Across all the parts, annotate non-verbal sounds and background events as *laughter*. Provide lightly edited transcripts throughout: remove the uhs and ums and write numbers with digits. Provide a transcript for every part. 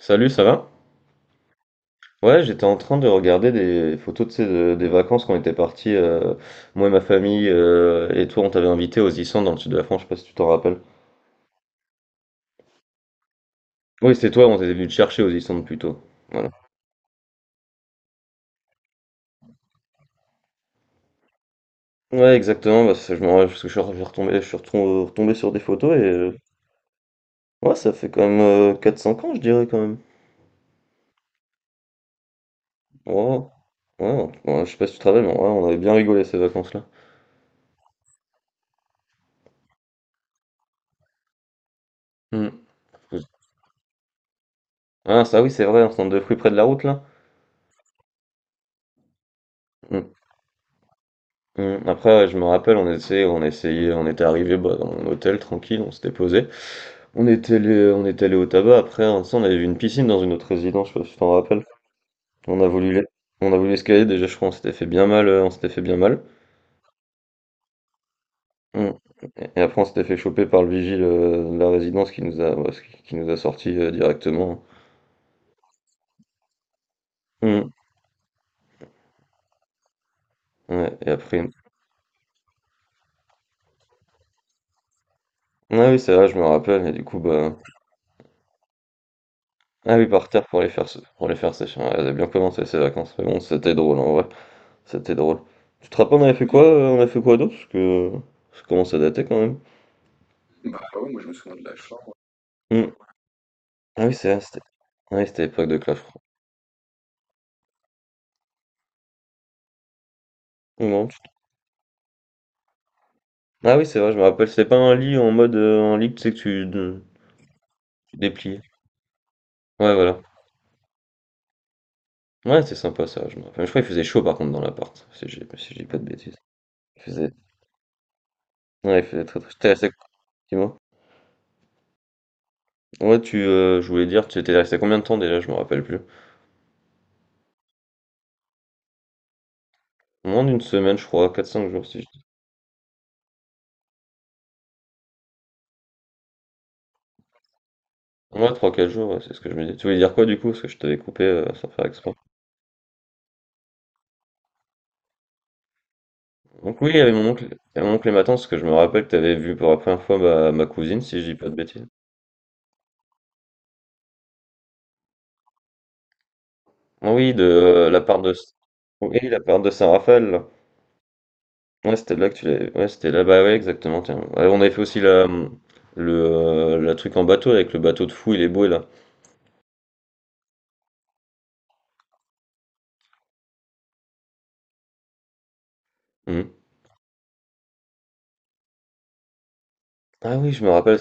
Salut, ça va? Ouais, j'étais en train de regarder des photos, des vacances qu'on était partis, moi et ma famille, et toi, on t'avait invité aux Issants dans le sud de la France, je sais pas si tu t'en rappelles. Oui, c'était toi, on t'était venu te chercher aux Issants plutôt. Voilà. Ouais, exactement, parce que je me rappelle, parce que retombé, je suis retombé sur des photos, et ouais, ça fait quand même 4-5 ans, je dirais, quand même. Ouais, ouais, ouais, ouais, je sais pas si tu te rappelles, mais ouais, on avait bien rigolé ces vacances-là. Hmm. Ah, ça oui, c'est vrai, on centre de fruits près de la route, là. Hmm. Mmh. Après, ouais, je me rappelle, on essayait, on était arrivé bah, dans mon hôtel tranquille, on s'était posé. On était allé au tabac. Après, un instant, on avait vu une piscine dans une autre résidence, je sais pas si tu t'en rappelles. On a voulu, l'es- on a voulu escalader. Déjà, je crois, on s'était fait bien mal. Mmh. Et après, on s'était fait choper par le vigile de la résidence qui nous a, ouais, qui nous a sorti directement. Mmh. Ouais. Et après, ah oui, c'est vrai, je me rappelle. Et du coup, bah, ah oui, par terre pour les faire sécher. Ouais, elles avaient bien commencé ces vacances, mais bon, c'était drôle en vrai. C'était drôle. Tu te rappelles, on avait fait quoi, on a fait quoi d'autre? Parce que ça commence à dater quand même. Mmh. Ah oui, c'est vrai, c'était ah oui, c'était l'époque de Clash Royale. Non, tu ah oui, c'est vrai, je me rappelle, c'était pas un lit en mode, un lit, tu sais, que tu de tu dépliais. Ouais, voilà. Ouais, c'était sympa ça, je me rappelle. Je crois qu'il faisait chaud par contre dans l'appart, si j'ai si je dis pas de bêtises. Il faisait ouais, il faisait très, très tu es resté dis-moi? Ouais, tu, je voulais dire, tu étais resté combien de temps déjà? Je me rappelle plus. Moins d'une semaine, je crois, quatre cinq jours si je dis ouais, 3-4 jours, ouais, c'est ce que je me dis. Tu voulais dire quoi du coup? Parce que je t'avais coupé, sans faire exprès. Donc oui, il y avait mon oncle, et ma tante, parce que je me rappelle que tu avais vu pour la première fois ma cousine, si je dis pas de bêtises. Ah oui, de la part de... Oui, la part de Saint-Raphaël, là. Ouais, c'était là que tu l'avais... Ouais, c'était là, bah ouais, exactement, tiens. Ouais, on avait fait aussi la, le, la truc en bateau, avec le bateau de fou, il est beau, là. Mhm. Ah oui, je me rappelle.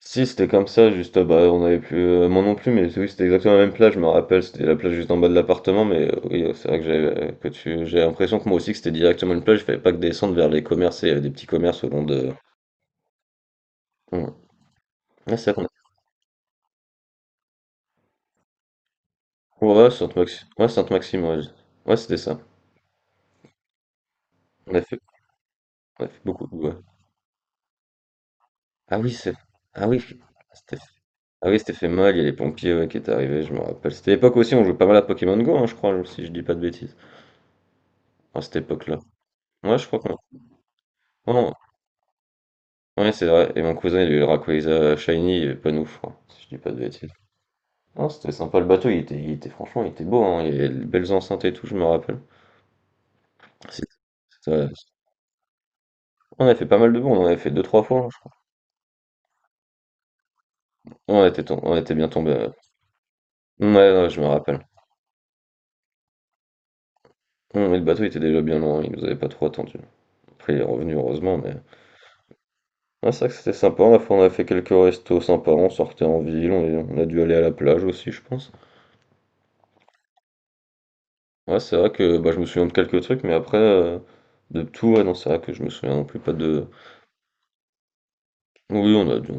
Si, c'était comme ça, juste, bah, on avait plus, moi non plus, mais oui, c'était exactement la même plage, je me rappelle, c'était la plage juste en bas de l'appartement, mais oui, c'est vrai que j'avais que tu j'ai l'impression que moi aussi que c'était directement une plage, il fallait pas que descendre vers les commerces et il y avait des petits commerces au long de mmh. Ouais, c'est vrai qu'on a ouais, ouais, Sainte-Maxi ouais, Sainte-Maxime, ouais, je- ouais, c'était ça. On a fait on a fait beaucoup ouais. Ah oui, c'est ah oui, c'était ah oui, c'était fait mal, il y a les pompiers, ouais, qui étaient arrivés, je me rappelle. C'était l'époque aussi, on jouait pas mal à Pokémon Go, hein, je crois, si je dis pas de bêtises, à cette époque-là. Ouais, je crois qu'on ouais, ouais, c'est vrai, et mon cousin, il a eu le Rayquaza shiny, il pas nous, je crois, si je dis pas de bêtises. Non, c'était sympa le bateau, il était franchement, il était beau, hein, il y avait de belles enceintes et tout, je me rappelle. C'est- c'est- On a fait pas mal de bons, on en avait fait deux, trois fois, hein, je crois. On était, tom- on était bien tombé. Ouais, ouais, ouais, je me rappelle. Non, mais le bateau était déjà bien loin, il nous avait pas trop attendu. Après, il est revenu, heureusement, mais. Ouais, c'est vrai que c'était sympa, on a fait quelques restos sympas, on sortait en ville, on, est- on a dû aller à la plage aussi, je pense. Ouais, c'est vrai que bah, je me souviens de quelques trucs, mais après, de tout, ouais, non, c'est vrai que je me souviens non plus pas de oui, on a dû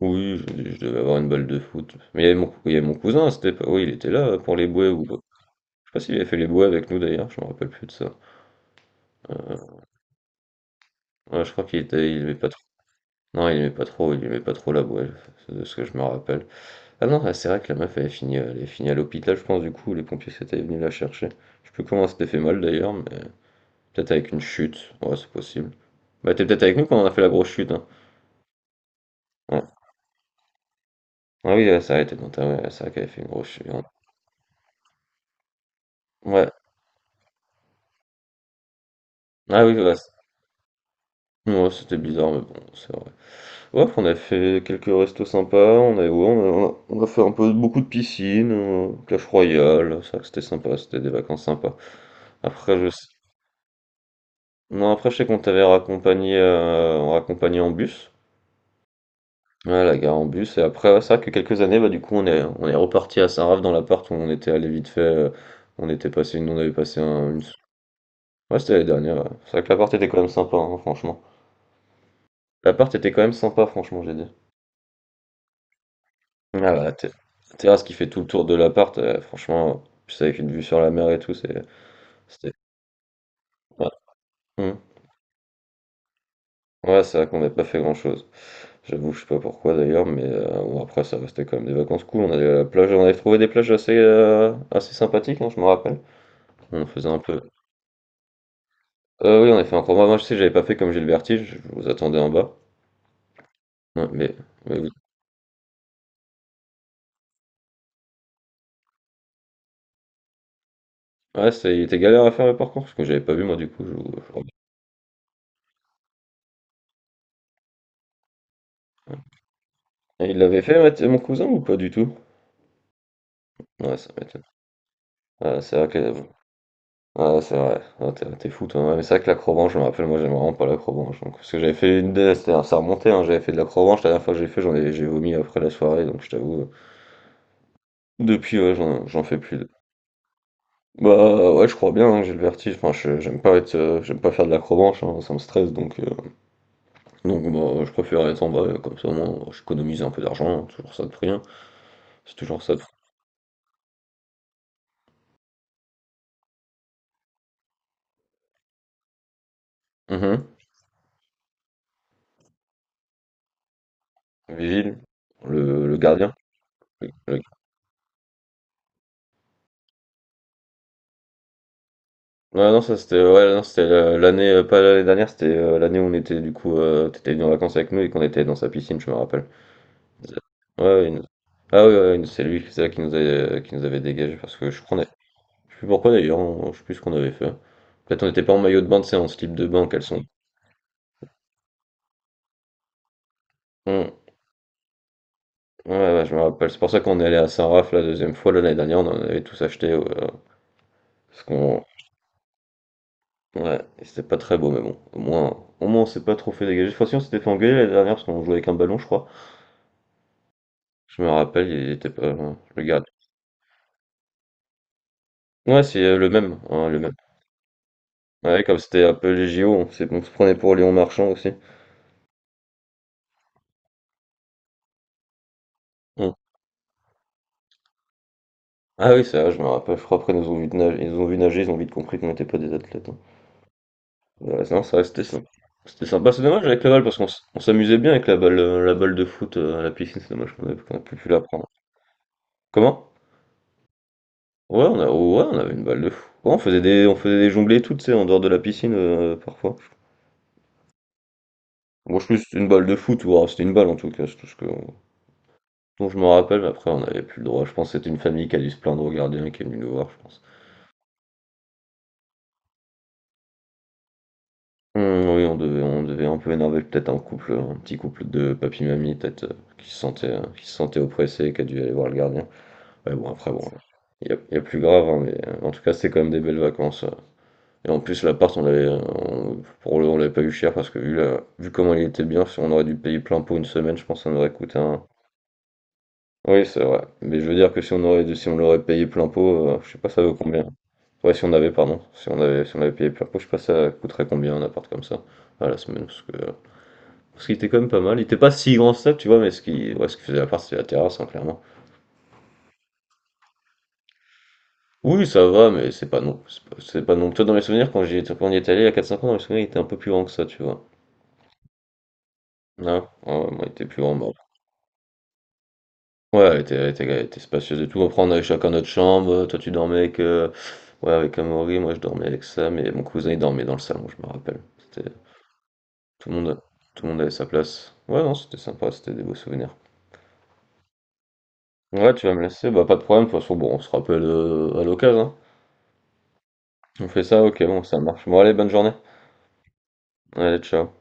oui, je devais avoir une balle de foot. Mais il y avait mon il y avait mon cousin c'était cette oui, il était là pour les bouées ou je sais pas s'il avait fait les bouées avec nous d'ailleurs, je me rappelle plus de ça. Heu, ouais, je crois qu'il était il aimait pas trop non, il aimait pas trop la bouée, c'est de ce que je me rappelle. Ah non, ah, c'est vrai que la meuf, elle est finie à l'hôpital, je pense, du coup, les pompiers s'étaient venus la chercher. Je sais plus comment elle s'était fait mal d'ailleurs, mais peut-être avec une chute, ouais, c'est possible. Bah, t'es peut-être avec nous quand on a fait la grosse chute, hein. Ouais. Ah oui, elle s'est arrêtée dans ta, ouais, ouais, c'est vrai qu'elle avait fait une grosse chute. Ouais. Ah oui, ouais. c- ouais, c'était bizarre, mais bon, c'est vrai. Ouais, après, on a fait quelques restos sympas, on a, ouais, on a fait un peu beaucoup de piscine, Clash Royale, c'est vrai que c'était sympa, c'était des vacances sympas. Après, je sais... Non, après, je sais qu'on t'avait raccompagné, raccompagné en bus. Ouais, la gare en bus. Et après, ouais, c'est vrai que quelques années, bah, du coup, on est reparti à Saint-Raph dans l'appart où on était allé vite fait. On était passé une, on avait passé un, une... Ouais, c'était l'année dernière. Ouais. C'est vrai que l'appart était quand même sympa, hein, franchement. L'appart était quand même sympa, franchement, j'ai dit. Ah, bah, la ter- la terrasse qui fait tout le tour de l'appart, franchement, puis c'est avec une vue sur la mer et tout, c'est, c'était. Ouais, Hmm. Ouais, c'est vrai qu'on n'a pas fait grand-chose. J'avoue, je sais pas pourquoi d'ailleurs, mais bon, après, ça restait quand même des vacances cool. On allait à la plage, on avait trouvé des plages assez, assez sympathiques, hein, je me rappelle. On faisait un peu. Oui, on a fait un combat. Moi, je sais, j'avais pas fait comme j'ai le vertige, je vous attendais en bas. Ouais, mais oui. Ouais, c'est il était galère à faire le parcours parce que j'avais pas vu moi du coup, je *unintelligible* et il l'avait fait, ouais, t mon cousin ou pas du tout? Ouais, ça m'étonne. Ouais, c'est vrai que ouais, c'est vrai. Ah, tu es fou toi. Ouais, mais c'est vrai que l'acrobranche, je me rappelle, moi j'aime vraiment pas l'acrobranche donc parce que j'avais fait une des c'était ça remontait, hein, j'avais fait de l'acrobranche, la dernière fois que j'ai fait, j'ai vomi après la soirée donc je t'avoue, depuis, ouais, j'en fais plus de bah, ouais, je crois bien, hein, j'ai le vertige, enfin je j'aime pas être, j'aime pas faire de l'acrobranche, hein, ça me stresse donc donc bah, je préfère les balles, comme ça au moins j'économise un peu d'argent, toujours ça de prix, hein. C'est toujours ça de prix. Mmh vigile, le gardien. Le ouais non ça c'était ouais non c'était le l'année, pas l'année dernière, c'était, l'année où on était du coup, tu venu en vacances avec nous et qu'on était dans sa piscine, je me rappelle. Ouais, ouais, il nous ah oui, ouais, ouais, c'est lui, c'est là qui nous avait qu'il nous avait dégagés parce que je prenais. Je sais plus pourquoi d'ailleurs, on je sais plus ce qu'on avait fait. Peut-être on n'était pas en maillot de bain, tu sais, en slip de bain, en caleçon. Mmh. Ouais, ouais, je me rappelle. C'est pour ça qu'on est allé à Saint-Raph la deuxième fois. Là, l'année dernière, on en avait tous acheté. Parce qu'on. Ouais, et c'était pas très beau, mais bon. Au moins on s'est pas trop fait dégager. Cette fois-ci, on s'était fait engueuler l'année dernière parce qu'on jouait avec un ballon, je crois. Je me rappelle, il était pas. Le garde. Ouais, c'est le même, hein, le même. Ouais, comme c'était un peu les JO, on se prenait pour Léon Marchand aussi. Hum. Ah oui, c'est vrai, je me rappelle. Je crois après, ils nous ont vu nager, ils ont vite compris qu'on n'était pas des athlètes, hein. Ouais, non, ça restait sympa. C'était sympa. Bah, c'est dommage avec la balle parce on s'amusait bien avec la balle de foot à la piscine, c'est dommage qu'on ait plus pu la prendre. Comment? Ouais, on a, ouais, on avait une balle de foot. Ouais, on faisait des jonglées toutes, tu sais, en dehors de la piscine parfois. Moi, je pense que c'était une balle de foot, ou alors c'était une balle en tout cas, c'est tout ce que, dont je me rappelle. Mais après, on n'avait plus le droit. Je pense que c'était une famille qui a dû se plaindre au gardien qui est venu nous voir, je pense. Oui, on devait un peu énerver peut-être un couple, un petit couple de papy-mamie, peut-être, qui se sentait oppressé et qui a dû aller voir le gardien. Ouais, bon, après, bon, il y a plus grave, hein, mais en tout cas, c'était quand même des belles vacances. Et en plus, l'appart, on l'avait, on l'avait pas eu cher parce que vu comment il était bien, si on aurait dû payer plein pot une semaine, je pense que ça nous aurait coûté un. Oui, c'est vrai. Mais je veux dire que si on l'aurait payé plein pot, je sais pas, ça vaut combien. Ouais, si on avait, pardon, si on avait, si on avait payé plein pot, je sais pas, ça coûterait combien un appart comme ça à la semaine, parce qu'il était quand même pas mal. Il était pas si grand que ça, tu vois, mais ce qui faisait l'appart, c'était la terrasse, hein, clairement. Oui, ça va, mais c'est pas non toi dans mes souvenirs quand j'y étais quand on y est allé il y a quatre cinq ans, dans mes souvenirs, il était un peu plus grand que ça, tu vois? Non? Ouais, ouais, moi, il était plus grand, bon. Ouais, elle était spacieuse et tout. Après, on avait chacun notre chambre. Toi, tu dormais avec, ouais, avec Amaury, moi, je dormais avec Sam et mon cousin, il dormait dans le salon, je me rappelle. C'était tout le monde tout le monde avait sa place. Ouais, non, c'était sympa, c'était des beaux souvenirs. Ouais, tu vas me laisser, bah pas de problème, de toute façon, bon, on se rappelle à l'occasion, hein. On fait ça, ok, bon, ça marche. Bon, allez, bonne journée. Allez, ciao.